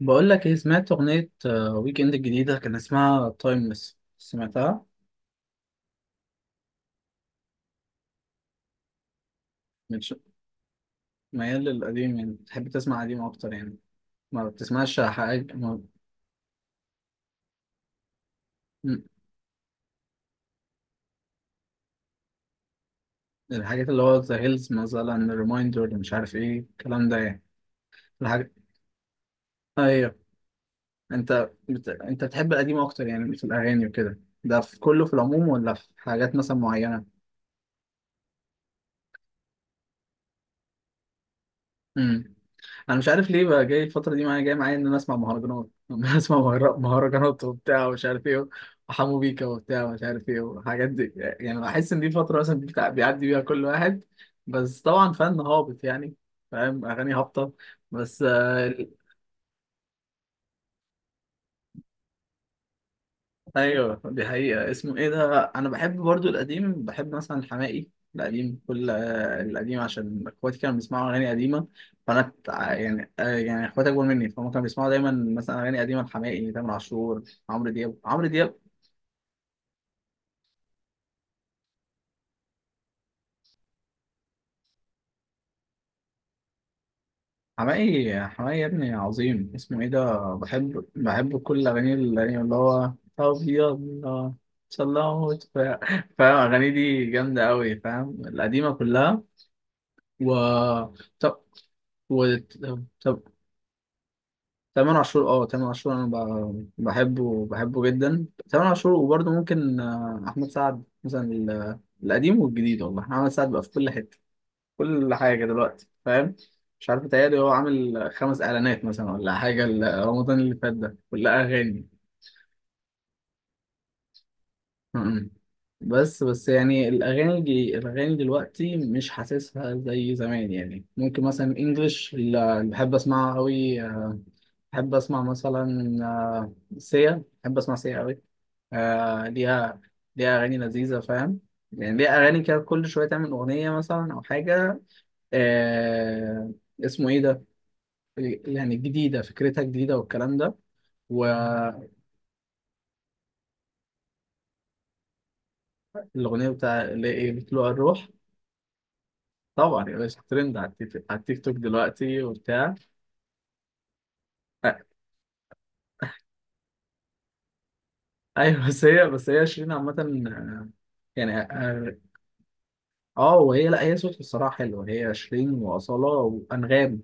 بقول لك ايه، سمعت اغنيه ويك اند الجديده كان اسمها تايمليس؟ سمعتها؟ مش ميال للقديم، يعني بتحب تسمع قديم اكتر يعني؟ ما بتسمعش حاجه ما... م- الحاجات اللي هو ذا هيلز مثلا، ريمايندر، مش عارف ايه الكلام ده يعني. الحاجة. ايوه. انت بتحب القديم اكتر يعني، في الاغاني وكده ده، في كله في العموم ولا في حاجات مثلا معينه؟ امم انا مش عارف ليه بقى، جاي الفتره دي معايا، جاي معايا ان انا اسمع مهرجانات ان انا اسمع مهرجانات وبتاع ومش عارف ايه، وحمو بيكا وبتاع ومش عارف ايه والحاجات دي، يعني بحس ان دي فتره مثلا بيعدي بيها كل واحد. بس طبعا فن هابط يعني، فاهم؟ اغاني هابطه بس. ايوه دي حقيقة، اسمه ايه ده، انا بحب برضو القديم، بحب مثلا الحماقي القديم كل القديم عشان اخواتي كانوا بيسمعوا اغاني قديمة. فانا يعني يعني اخواتي اكبر مني فهم كانوا بيسمعوا دايما مثلا اغاني قديمة، الحماقي، تامر عاشور، عمرو دياب عمرو دياب. حماقي حماقي يا ابني عظيم، اسمه ايه ده، بحب كل اغاني القديمة اللي هو، طب يلا، صلوت فاهم، اغاني دي جامدة قوي، فاهم؟ القديمة كلها. و طب و... طب تامر عاشور، اه تامر عاشور، انا بحبه جدا تامر عاشور، وبرضه ممكن احمد سعد مثلا القديم والجديد، والله احمد سعد بقى في كل حته، كل حاجه دلوقتي فاهم. مش عارف متهيألي هو عامل خمس اعلانات مثلا ولا حاجه، رمضان اللي فات ده كلها اغاني. م-م. بس بس يعني الاغاني الاغاني دلوقتي مش حاسسها زي زمان، يعني ممكن مثلا انجلش اللي بحب اسمعها قوي، بحب اسمع مثلا سيا، بحب اسمع سيا قوي. آه ليها ليها أغاني لذيذة فاهم، يعني ليها أغاني كده، كل شوية تعمل أغنية مثلا أو حاجة. آه اسمه إيه ده، يعني جديدة، فكرتها جديدة والكلام ده، والأغنية بتاع اللي إيه، بتلوع الروح؟ طبعا يا باشا، ترند على التيك توك دلوقتي وبتاع. آه، أيوه بس هي شيرين عامة، آه، يعني لا، هي صوتها الصراحة حلو، هي شيرين وأصالة وأنغام.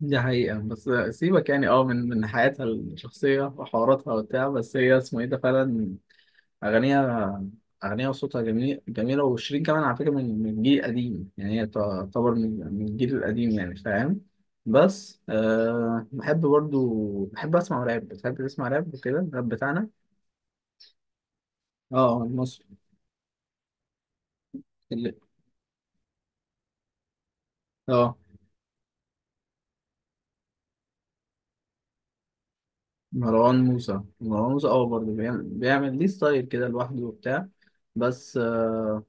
دي حقيقة بس سيبك يعني، اه، من حياتها الشخصية وحواراتها وبتاع، بس هي اسمه ايه ده فعلا، أغانيها أغانيها وصوتها جميل، جميلة، وشيرين كمان على فكرة من جيل قديم، يعني هي تعتبر من الجيل القديم، يعني فاهم. بس بحب برضو، بحب أسمع راب، بتحب تسمع راب وكده، الراب بتاعنا. اه المصري اللي- اه مروان موسى اه، برضه بيعمل ليه ستايل كده لوحده وبتاع. بس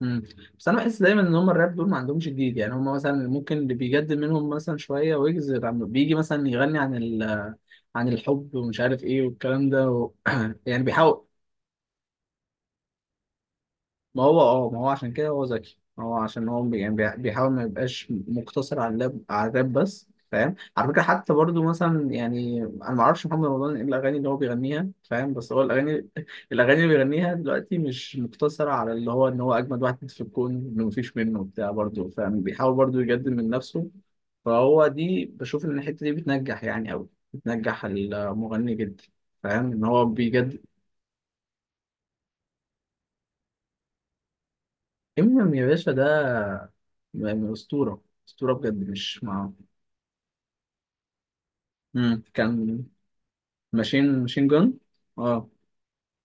مم. بس انا بحس دايما ان هم الراب دول ما عندهمش جديد، يعني هم مثلا ممكن اللي بيجدد منهم مثلا شويه، ويجز بيجي مثلا يغني عن عن الحب ومش عارف ايه والكلام ده يعني بيحاول. ما هو عشان كده هو ذكي، ما هو عشان هو يعني بيحاول ما يبقاش مقتصر على الراب بس، فاهم على فكره، حتى برضو مثلا، يعني انا ما اعرفش محمد رمضان ايه الاغاني اللي هو بيغنيها فاهم، بس هو الاغاني الاغاني اللي بيغنيها دلوقتي مش مقتصره على اللي هو ان هو اجمد واحد في الكون، انه مفيش منه بتاع برضو فاهم، بيحاول برضو يجدد من نفسه. فهو دي بشوف ان الحته دي بتنجح يعني قوي، بتنجح المغني جدا، فاهم ان هو بيجدد. امينيم يا باشا ده يعني اسطوره، اسطوره بجد، مش مع. مم. كان ماشين جون اه.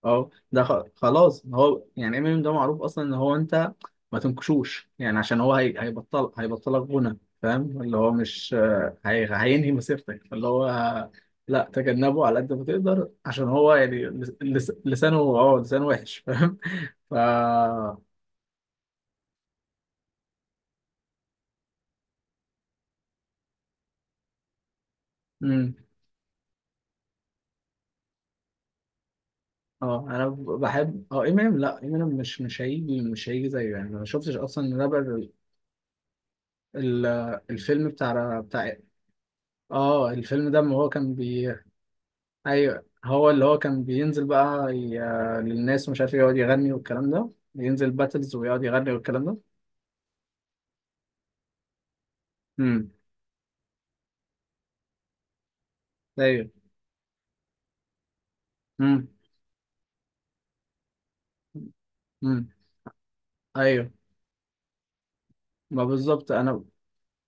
اه ده خلاص، هو يعني امينيم ده معروف اصلا ان هو انت ما تنكشوش، يعني عشان هو هي... هيبطل هيبطلك غنى فاهم، اللي هو مش هينهي مسيرتك، اللي هو لا، تجنبه على قد ما تقدر عشان هو يعني لسانه، اه لسانه وحش فاهم. ف مم. اه، انا بحب اه امينيم، لا، امينيم مش مش هيجي زيه، يعني أنا ما شفتش اصلا رابر. ال... الفيلم بتاع اه، الفيلم ده ما هو كان ايوه، هو اللي هو كان بينزل بقى للناس ومش عارف إيه، يقعد يغني والكلام ده، بينزل باتلز ويقعد يغني والكلام ده. امم. ايوه. امم. امم. ايوه. ما بالظبط انا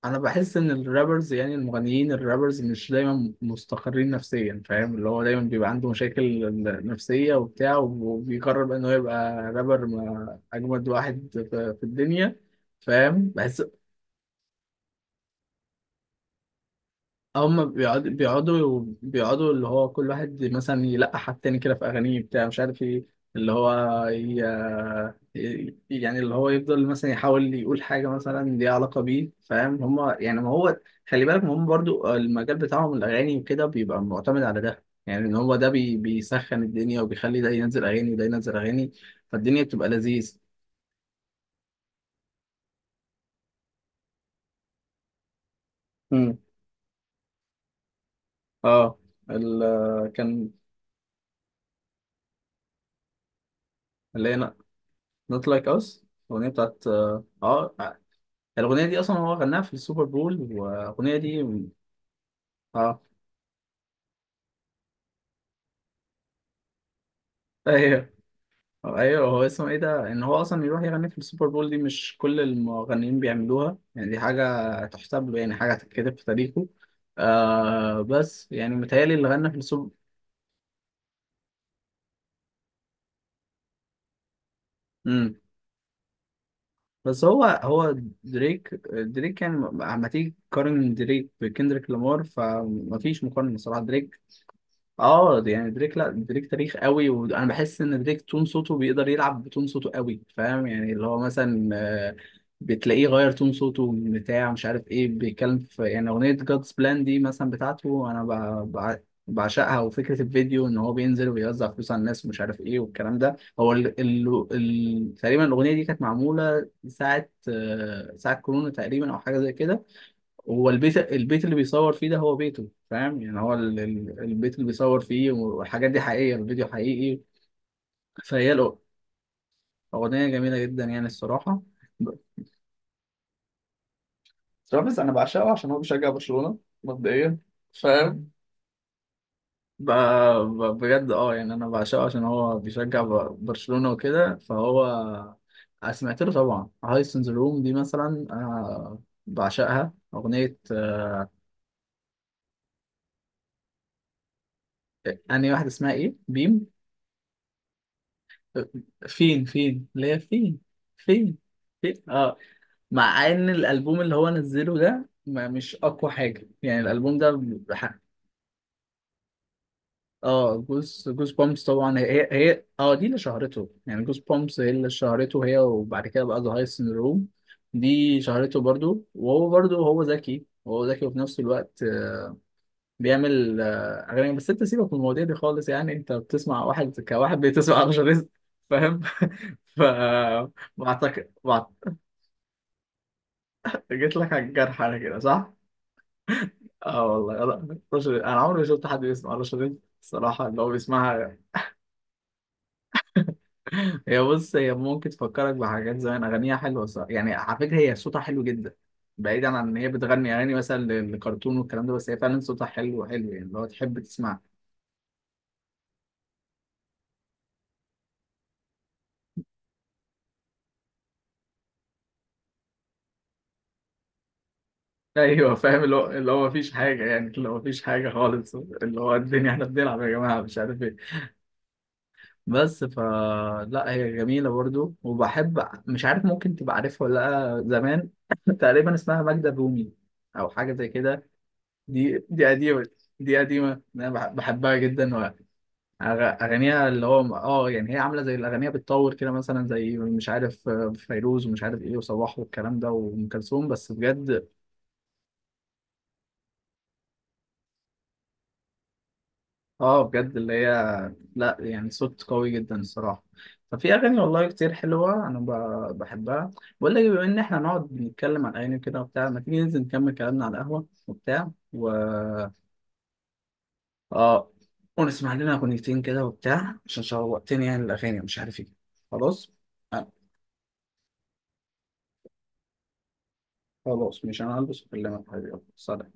انا بحس ان الرابرز، يعني المغنيين الرابرز مش دايما مستقرين نفسيا فاهم، اللي هو دايما بيبقى عنده مشاكل نفسية وبتاع، وبيقرر بقى ان هو يبقى رابر، اجمد واحد في الدنيا، فاهم، بحس. هم بيقعدوا اللي هو كل واحد مثلا يلقح على التاني كده في أغانيه بتاع مش عارف ايه، اللي هو يعني اللي هو يفضل مثلا يحاول يقول حاجة مثلا ليها علاقة بيه فاهم. هم يعني ما هو، خلي بالك ما هم برضو المجال بتاعهم الأغاني وكده، بيبقى معتمد على ده، يعني إن هو ده بيسخن الدنيا وبيخلي ده ينزل أغاني وده ينزل أغاني، فالدنيا بتبقى لذيذ. امم. اه ال... كان اللي هي Not Like Us، الأغنية بتاعت. اه، الأغنية دي أصلا هو غناها في السوبر بول، والأغنية دي اه، أيوه، أيوه، هو اسمه إيه ده؟ إن هو أصلا يروح يغني في السوبر بول دي، مش كل المغنيين بيعملوها، يعني دي حاجة تحسب له، يعني حاجة هتتكتب في تاريخه. بس يعني متهيألي اللي غنى في السوبر. مم. بس هو دريك يعني أما تيجي تقارن دريك بكندريك لامار فمفيش مقارنة صراحة، دريك. اه يعني دريك، لا، دريك تاريخ قوي، وانا بحس ان دريك تون صوته، بيقدر يلعب بتون صوته قوي، فاهم يعني اللي هو مثلا بتلاقيه غير تون صوته من بتاع مش عارف ايه، بيتكلم في يعني اغنيه جادز بلان دي مثلا بتاعته، انا بعشقها، وفكره الفيديو ان هو بينزل ويوزع فلوس على الناس ومش عارف ايه والكلام ده، هو تقريبا الاغنيه دي كانت معموله ساعه كورونا تقريبا او حاجه زي كده. هو البيت اللي بيصور فيه ده هو بيته فاهم، يعني هو البيت اللي بيصور فيه والحاجات دي حقيقية، الفيديو حقيقي. فهي الأغ- الأغنية جميلة جدا يعني الصراحة. ب- ترافيس انا بعشقه عشان هو بيشجع برشلونة مبدئيا فاهم. ب- بجد اه، يعني أنا بعشقه عشان هو بيشجع برشلونة وكده، فهو سمعت له طبعا هايس ان ذا روم دي مثلا، أنا بعشقها أغنية. أنهي واحدة اسمها إيه؟ بيم، فين، اللي هي فين، فين فين اه. مع ان الالبوم اللي هو نزله ده ما مش اقوى حاجه يعني، الالبوم ده. بح- اه، جوز بومبس طبعا، هي اه دي اللي شهرته، يعني جوز بومبس هي اللي شهرته، هي وبعد كده بقى ذا هاي سيندروم، دي شهرته برضو، وهو برضو هو ذكي، هو ذكي وفي نفس الوقت بيعمل اغاني. بس انت سيبك من المواضيع دي خالص، يعني انت بتسمع واحد كواحد، بتسمع رشا رزق فاهم؟ ف بعتقد جيت لك على الجرح انا، كده صح؟ اه والله، لا، رشا رزق. انا عمري ما شفت حد بيسمع رشا رزق الصراحة، اللي هو بيسمعها. هي، بص، هي ممكن تفكرك بحاجات زمان، أغانيها حلوة الصراحة. يعني على فكرة هي صوتها حلو جدا، بعيدا عن إن هي بتغني أغاني مثلا للكرتون والكلام ده، بس هي فعلا صوتها حلو حلو، يعني اللي هو تحب تسمعها. ايوه فاهم، اللي هو مفيش حاجه يعني، اللي هو مفيش حاجه خالص، اللي هو الدنيا احنا بنلعب يا جماعه مش عارف ايه. بس لا، هي جميله برضو وبحب، مش عارف ممكن تبقى عارفها ولا. لا زمان تقريبا اسمها ماجدة الرومي او حاجه زي كده. دي قديمه، دي قديمه، انا بحبها جدا، اغانيها اللي هو اه، يعني هي عامله زي الاغنيه بتطور كده، مثلا زي مش عارف فيروز ومش عارف ايه، وصباح والكلام ده، وام كلثوم، بس بجد. اه بجد اللي هي، لا يعني صوت قوي جدا الصراحة. ففي أغاني والله كتير حلوة، أنا بحبها. بقول لك، بما إن إحنا نقعد نتكلم عن أغاني كده وبتاع، ما تيجي ننزل نكمل كلامنا على القهوة وبتاع، و اه ونسمع لنا أغنيتين كده وبتاع عشان شوقتني، يعني الأغاني ومش عارف إيه، خلاص. آه، خلاص مش أنا هلبس وأكلمك حبيبي، يلا، سلام.